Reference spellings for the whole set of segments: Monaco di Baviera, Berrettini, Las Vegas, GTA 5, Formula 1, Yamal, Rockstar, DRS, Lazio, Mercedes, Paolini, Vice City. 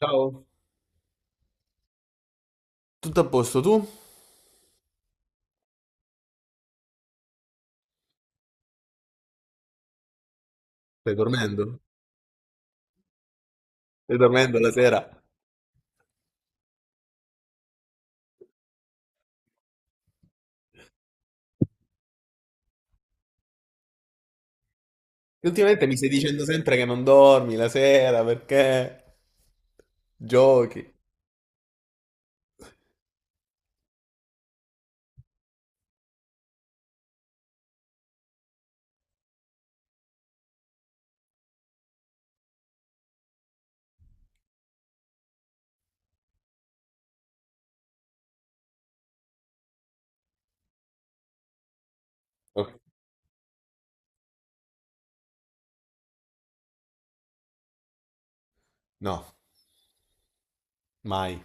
Ciao. Tutto a posto tu? Stai dormendo? Stai dormendo la sera? Che ultimamente mi stai dicendo sempre che non dormi la sera perché giochi. Oh, no. Mai.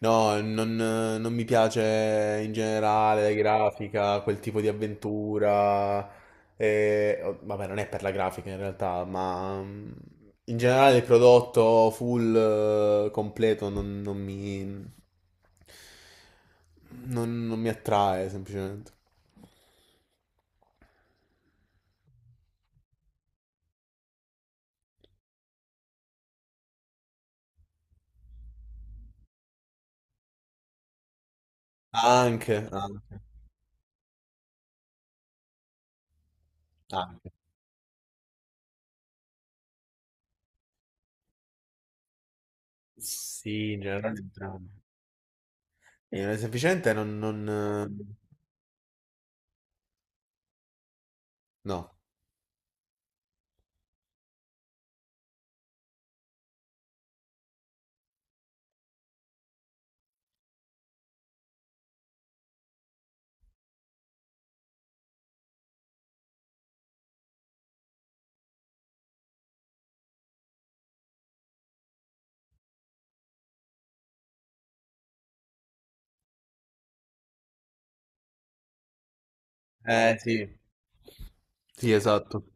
No, non mi piace in generale la grafica, quel tipo di avventura. Oh, Vabbè, non è per la grafica in realtà, ma in generale il prodotto full, completo non mi attrae semplicemente. Anche, anche, anche. Sì, in generale entrambi. Semplicemente non, non... no. Eh sì. Sì, esatto.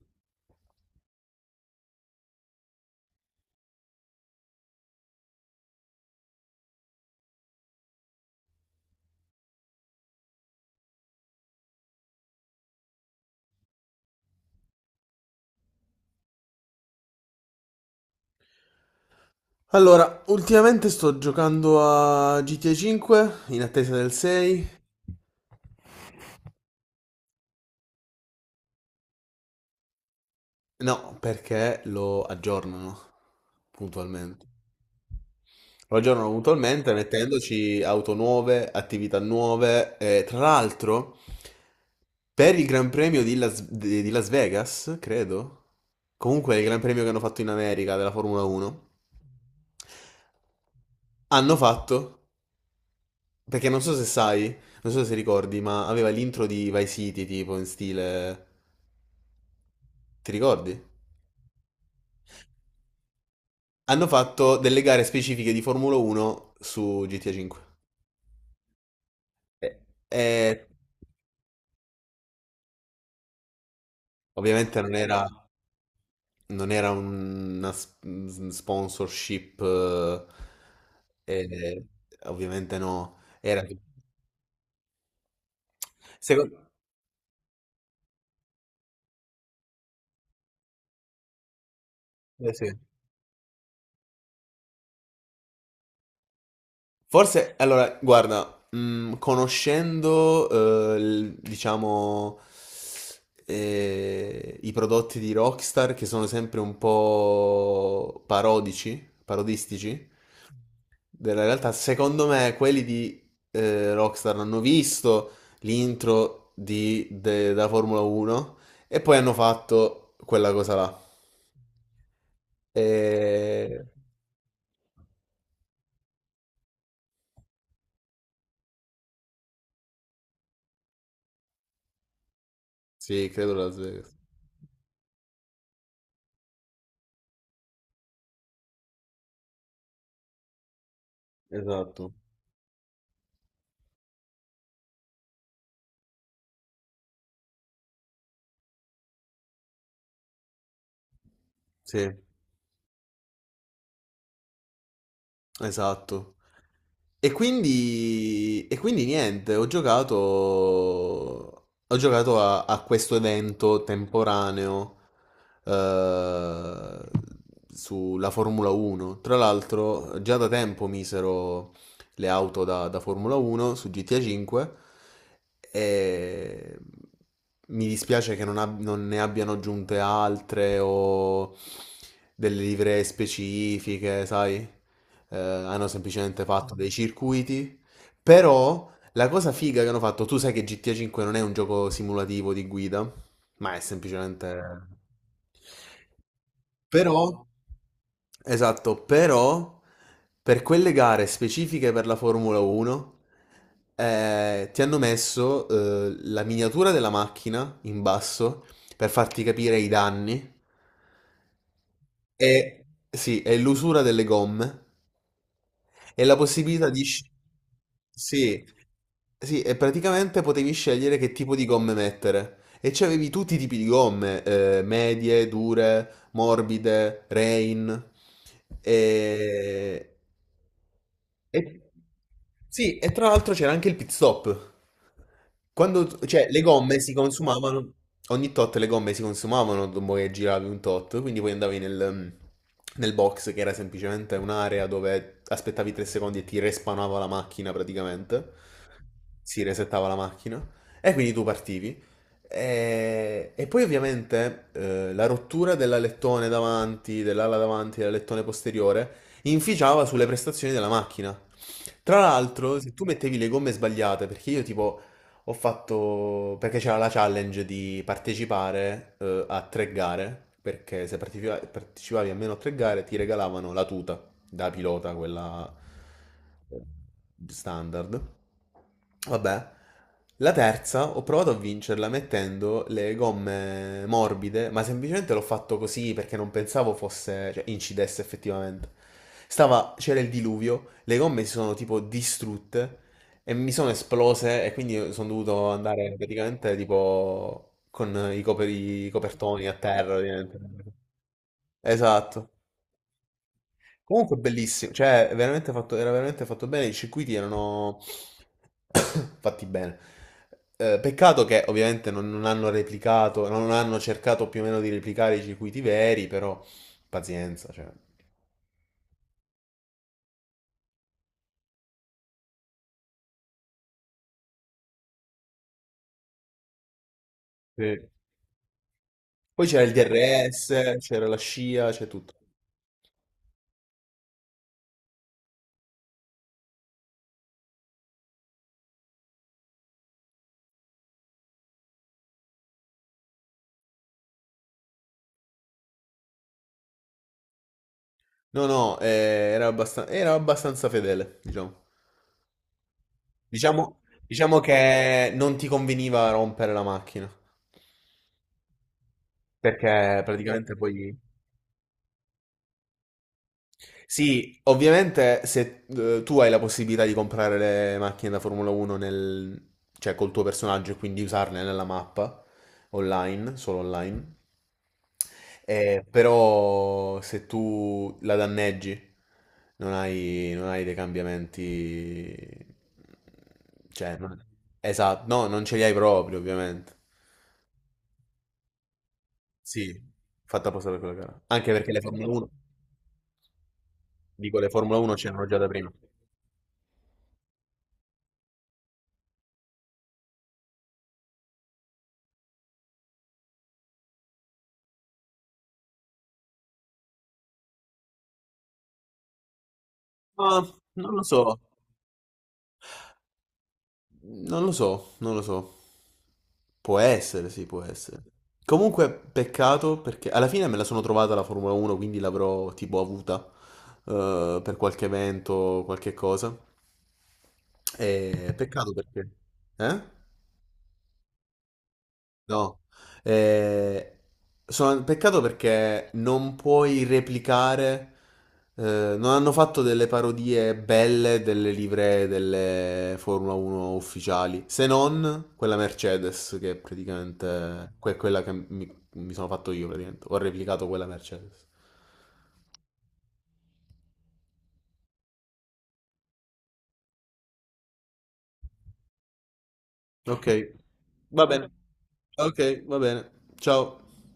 Allora, ultimamente sto giocando a GTA 5 in attesa del 6. No, perché lo aggiornano puntualmente. Lo aggiornano puntualmente mettendoci auto nuove, attività nuove. E, tra l'altro, per il Gran Premio di di Las Vegas, credo. Comunque, il Gran Premio che hanno fatto in America della Formula 1, hanno fatto. Perché non so se sai, non so se ricordi, ma aveva l'intro di Vice City, tipo in stile... Ti ricordi? Hanno fatto delle gare specifiche di Formula 1 su GTA 5. Eh, E ovviamente non era una sponsorship, eh, eh, ovviamente no. Era... Secondo... sì. Forse, allora, guarda, conoscendo, diciamo, i prodotti di Rockstar che sono sempre un po' parodici, parodistici, della realtà, secondo me quelli di Rockstar hanno visto l'intro da Formula 1 e poi hanno fatto quella cosa là. E... Sì, credo Las Vegas. Esatto. Sì. Esatto. E quindi niente, ho giocato a, a questo evento temporaneo eh, sulla Formula 1. Tra l'altro, già da tempo misero le auto da Formula 1 su GTA 5, e mi dispiace che non ne abbiano aggiunte altre o delle livree specifiche, sai? Eh, hanno semplicemente fatto dei circuiti, però la cosa figa che hanno fatto, tu sai che GTA 5 non è un gioco simulativo di guida, ma è semplicemente... Però, esatto, però per quelle gare specifiche per la Formula 1 ti hanno messo la miniatura della macchina in basso per farti capire i danni e, sì, e l'usura delle gomme e la possibilità Sì, sì, e praticamente potevi scegliere che tipo di gomme mettere. E c'avevi tutti i tipi di gomme, medie, dure, morbide, rain. E... E- sì, e tra l'altro c'era anche il pit stop. Quando, cioè, le gomme si consumavano, ogni tot le gomme si consumavano dopo che giravi un tot, quindi poi andavi nel box che era semplicemente un'area dove aspettavi 3 secondi e ti respawnava la macchina praticamente. Si resettava la macchina e quindi tu partivi. E poi ovviamente la rottura dell'alettone davanti, dell'ala davanti, e dell'alettone posteriore inficiava sulle prestazioni della macchina. Tra l'altro, se tu mettevi le gomme sbagliate, perché io tipo ho fatto, perché c'era la challenge di partecipare a tre gare, perché se partecipavi almeno a tre gare ti regalavano la tuta da pilota, quella eh, standard. Vabbè. La terza ho provato a vincerla mettendo le gomme morbide, ma semplicemente l'ho fatto così perché non pensavo fosse, cioè, incidesse effettivamente. Stava, c'era il diluvio, le gomme si sono tipo distrutte e mi sono esplose e quindi sono dovuto andare praticamente tipo con i copertoni a terra, ovviamente. Esatto. Comunque bellissimo, cioè veramente fatto, era veramente fatto bene, i circuiti erano fatti bene. Peccato che ovviamente non hanno replicato, non hanno cercato più o meno di replicare i circuiti veri, però pazienza, cioè. Sì. Poi c'era il DRS, c'era la scia, c'è tutto. No, no, era era abbastanza fedele, diciamo. Diciamo, diciamo che non ti conveniva rompere la macchina, perché praticamente poi... Sì, ovviamente se tu hai la possibilità di comprare le macchine da Formula 1 nel, cioè col tuo personaggio e quindi usarle nella mappa online, solo online, però se tu la danneggi non hai dei cambiamenti, cioè, non- esatto, no, non ce li hai proprio ovviamente. Sì, fatta apposta per quella gara. Anche perché le Formula 1, dico le Formula 1 c'erano già da prima. Ma non lo so, non lo so. Può essere, sì, può essere. Comunque, peccato perché alla fine me la sono trovata la Formula 1, quindi l'avrò tipo avuta per qualche evento, qualche cosa. E peccato perché. Eh? No, eh, sono peccato perché non puoi replicare, eh, non hanno fatto delle parodie belle delle livree delle Formula 1 ufficiali, se non quella Mercedes, che è praticamente quella mi sono fatto io, praticamente. Ho replicato quella Mercedes. Ok, va bene. Ok, va bene. Ciao.